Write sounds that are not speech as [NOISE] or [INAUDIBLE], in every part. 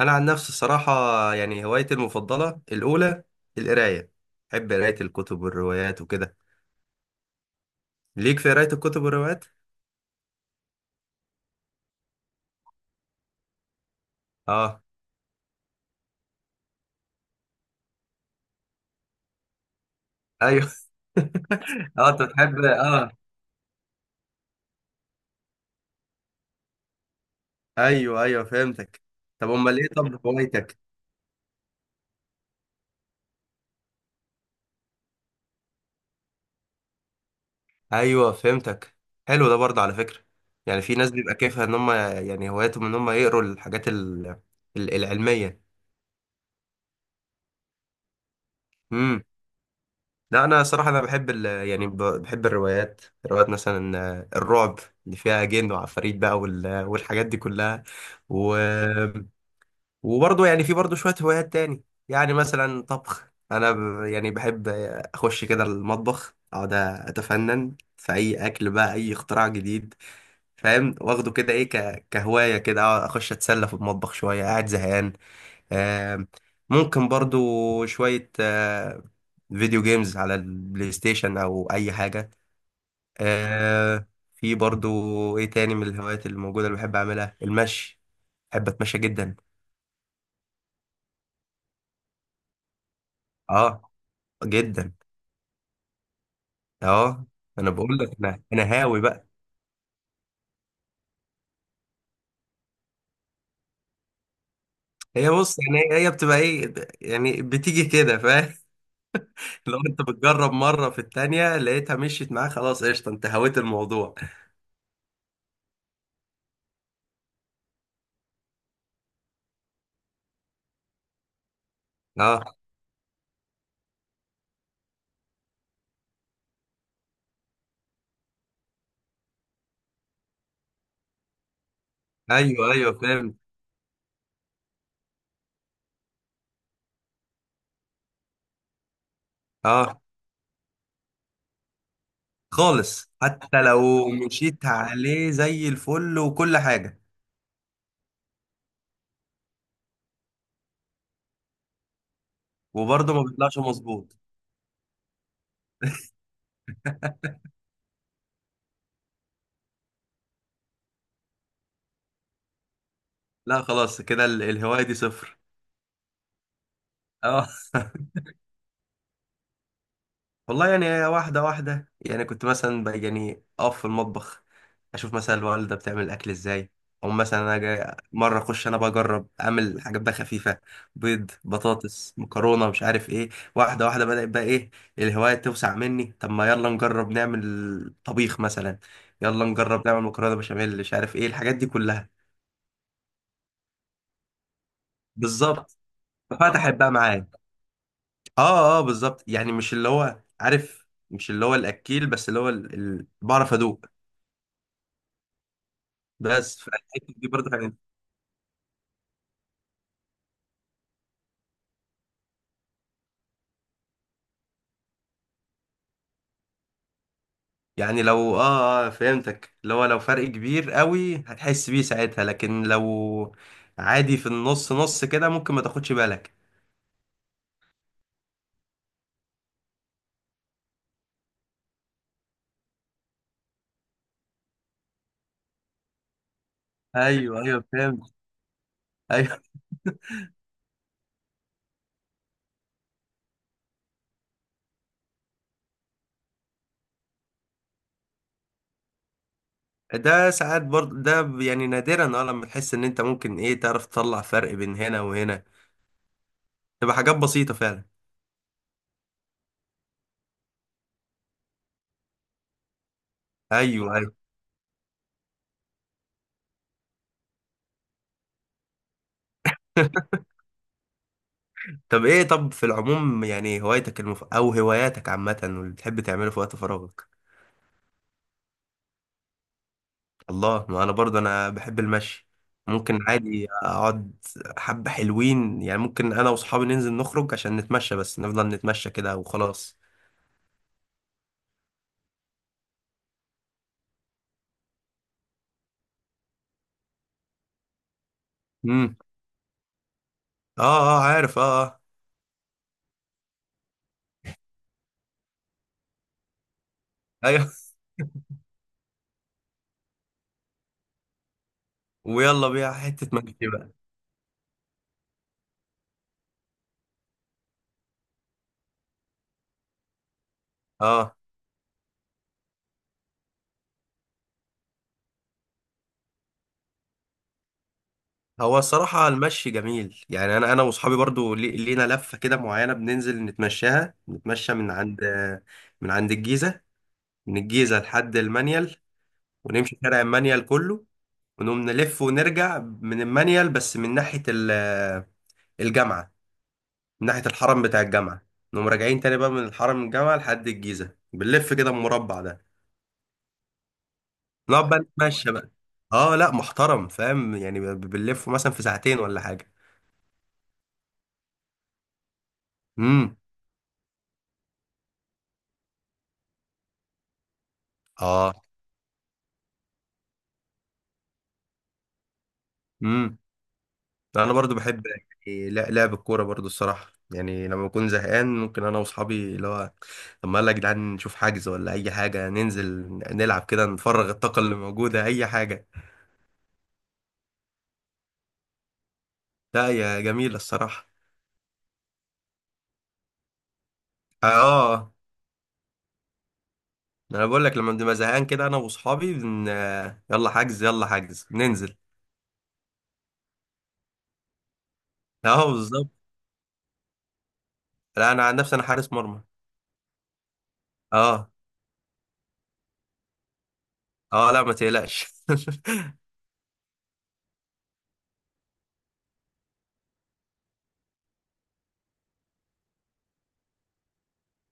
انا عن نفسي الصراحه. يعني هوايتي المفضله الاولى القرايه. بحب قرايه الكتب والروايات وكده. ليك في قرايه الكتب والروايات. اه ايوه. [LAUGHS] اه، انت بتحب. اه، ايوه ايوه فهمتك. طب امال ايه؟ طب هوايتك؟ ايوه فهمتك. حلو ده برضه على فكره. يعني في ناس بيبقى كيفها ان هم، يعني هواياتهم ان هم يقروا الحاجات العلميه إمم. لا انا صراحه انا بحب يعني بحب الروايات. روايات مثلا الرعب، اللي فيها جن وعفاريت بقى والحاجات دي كلها. و... وبرضه يعني في برضه شويه هوايات تاني. يعني مثلا طبخ، انا يعني بحب اخش كده المطبخ، اقعد اتفنن في اي اكل بقى، اي اختراع جديد. فاهم. واخده كده ايه، كهوايه كده اقعد اخش اتسلى في المطبخ شويه قاعد زهقان. آه، ممكن برضو شوية فيديو جيمز على البلاي ستيشن أو أي حاجة. آه، في برضو إيه تاني من الهوايات اللي موجودة، اللي بحب أعملها المشي. بحب أتمشى جدا. أه، جدا. أه، أنا بقول لك. أنا هاوي بقى. هي بص يعني. هي بتبقى إيه، يعني بتيجي كده، فاهم. [LAUGHS] لو أنت بتجرب مرة في التانية لقيتها مشيت معاك، خلاص قشطة، أنت هويت الموضوع. أه، أيوه أيوه فاهم. أه، خالص. حتى لو مشيت عليه زي الفل وكل حاجة. وبرضه ما بيطلعش مظبوط. [LAUGHS] لا خلاص، كده الهواية دي صفر. اه. [LAUGHS] والله يعني، واحدة واحدة، يعني كنت مثلا بقى يعني أقف في المطبخ، أشوف مثلا الوالدة بتعمل الأكل إزاي. أو مثلا أنا جاي مرة أخش أنا بجرب أعمل حاجات بقى خفيفة. بيض، بطاطس، مكرونة، مش عارف إيه. واحدة واحدة بدأت بقى إيه. الهواية توسع مني. طب ما يلا نجرب نعمل طبيخ مثلا. يلا نجرب نعمل مكرونة بشاميل مش عارف إيه الحاجات دي كلها. بالظبط. ففتحت بقى معايا. آه آه، بالظبط. يعني مش اللي هو عارف، مش اللي هو الأكيل، بس اللي هو بعرف أدوق. بس فالحتة دي برضه حاجة. يعني لو اه اه فهمتك، اللي هو لو فرق كبير قوي هتحس بيه ساعتها. لكن لو عادي في النص نص كده ممكن ما تاخدش بالك. ايوه ايوه فهمت. ايوه. ده ساعات برضه، ده يعني نادرا اه لما تحس ان انت ممكن ايه تعرف تطلع فرق بين هنا وهنا. تبقى حاجات بسيطة فعلا. ايوه ايوه. [LAUGHS] طب ايه، طب في العموم، يعني هوايتك او هواياتك عامة، واللي بتحب تعمله في وقت فراغك؟ الله، ما انا برضه انا بحب المشي. ممكن عادي اقعد. حبة حلوين يعني. ممكن انا واصحابي ننزل نخرج عشان نتمشى، بس نفضل نتمشى كده وخلاص. امم. اه. اه، عارف. اه اه. ايوه. [LAUGHS] ويلا بيها حتة مشي بقى. اه. هو الصراحة المشي جميل. يعني انا واصحابي برضه لينا لفة كده معينة، بننزل نتمشاها، نتمشى من عند الجيزة، من الجيزة لحد المنيل، ونمشي شارع المنيل كله، ونقوم نلف ونرجع من المانيال، بس من ناحية الجامعة من ناحية الحرم بتاع الجامعة. نقوم راجعين تاني بقى من الحرم الجامعة لحد الجيزة، بنلف كده المربع ده. نقعد بقى نتمشى بقى. اه لا محترم، فاهم يعني، بنلف مثلا في ساعتين ولا حاجة. امم. اه. امم. انا برضو بحب يعني لعب الكورة برضو الصراحة. يعني لما بكون زهقان، ممكن انا واصحابي اللي هو، طب ما يلا يا جدعان نشوف حجز ولا اي حاجة، ننزل نلعب كده، نفرغ الطاقة اللي موجودة، اي حاجة. لا يا جميلة الصراحة. اه، انا بقول لك لما بنبقى زهقان كده انا واصحابي بن... آه، يلا حجز يلا حجز ننزل. اه بالظبط. لا انا عن نفسي انا حارس مرمى. اه. اه، لا ما تقلقش.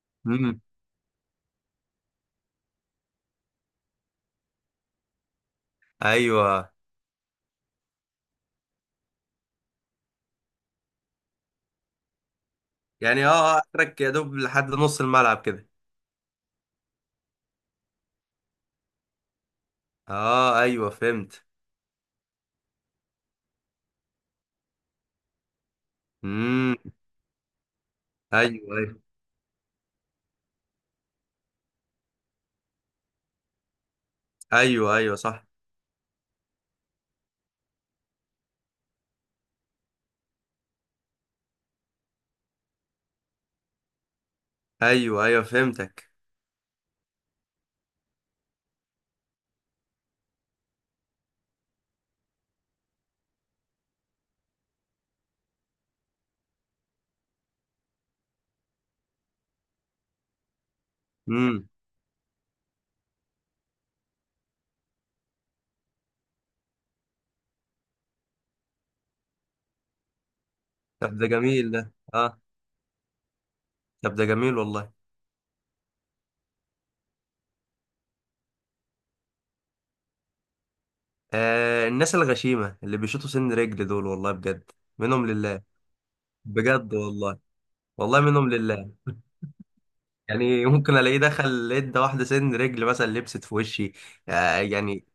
[LAUGHS] امم. ايوه يعني. اه اه، اخرك يا دوب لحد نص الملعب كده. اه، ايوه فهمت. امم. ايوه ايوه. ايوه ايوه صح. ايوه ايوه فهمتك. امم. طب ده جميل ده. اه. طب ده جميل والله. آه الناس الغشيمة اللي بيشوطوا سن رجل دول، والله بجد، منهم لله. بجد والله. والله منهم لله. يعني [LAUGHS] ممكن الاقيه دخل ادى واحدة سن رجل مثلا لبست في وشي، آه يعني.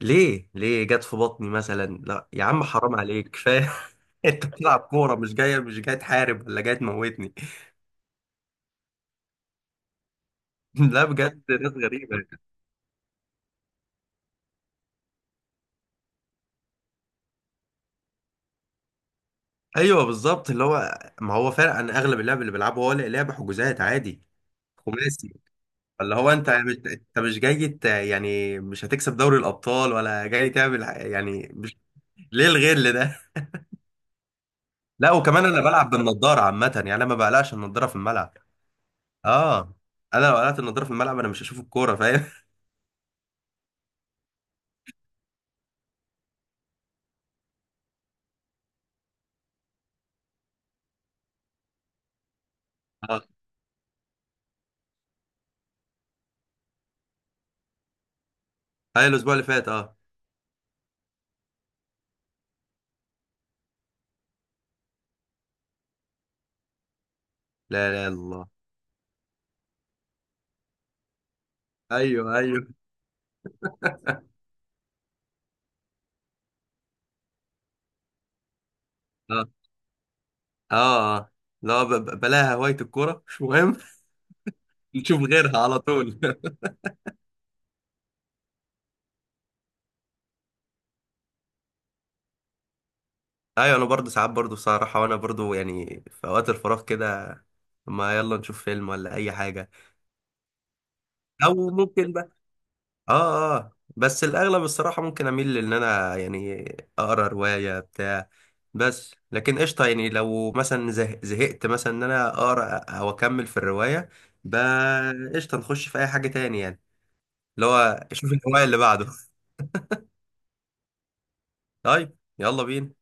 ليه، ليه جت في بطني مثلا؟ لا يا عم، حرام عليك، كفاية. [LAUGHS] انت بتلعب كورة، مش جاي تحارب ولا جاي تموتني. [LAUGHS] لا بجد ناس غريبة. ايوه بالظبط، اللي هو ما هو فعلا عن اغلب اللعب اللي بيلعبه، هو لا لعب حجوزات عادي. خماسي. اللي هو انت مش جاي يعني مش هتكسب دوري الابطال، ولا جاي تعمل يعني مش، ليه الغل ده؟ [LAUGHS] لا وكمان انا بلعب بالنضاره عامه، يعني انا ما بقلقش النضاره في الملعب. اه. انا لو قلقت النضاره في الملعب انا مش هشوف الكوره، فاهم. [LAUGHS] اه، هاي الاسبوع اللي فات. اه. لا لا الله. ايوه ايوه. اه اه. اه. لا بلاها هوايه الكوره، مش مهم. [LAUGHS] نشوف غيرها على طول. [LAUGHS] ايوه، انا برضه ساعات برضه صراحه، وانا برضه يعني في اوقات الفراغ كده، ما يلا نشوف فيلم ولا اي حاجه. او ممكن بقى. اه اه، بس الاغلب الصراحه ممكن اميل ان انا يعني اقرا روايه بتاع. بس لكن قشطه. يعني لو مثلا زهقت مثلا ان انا اقرا او اكمل في الروايه بقى، قشطه نخش في اي حاجه تاني يعني. اللي هو شوف الهوايه اللي بعده. طيب يلا بينا.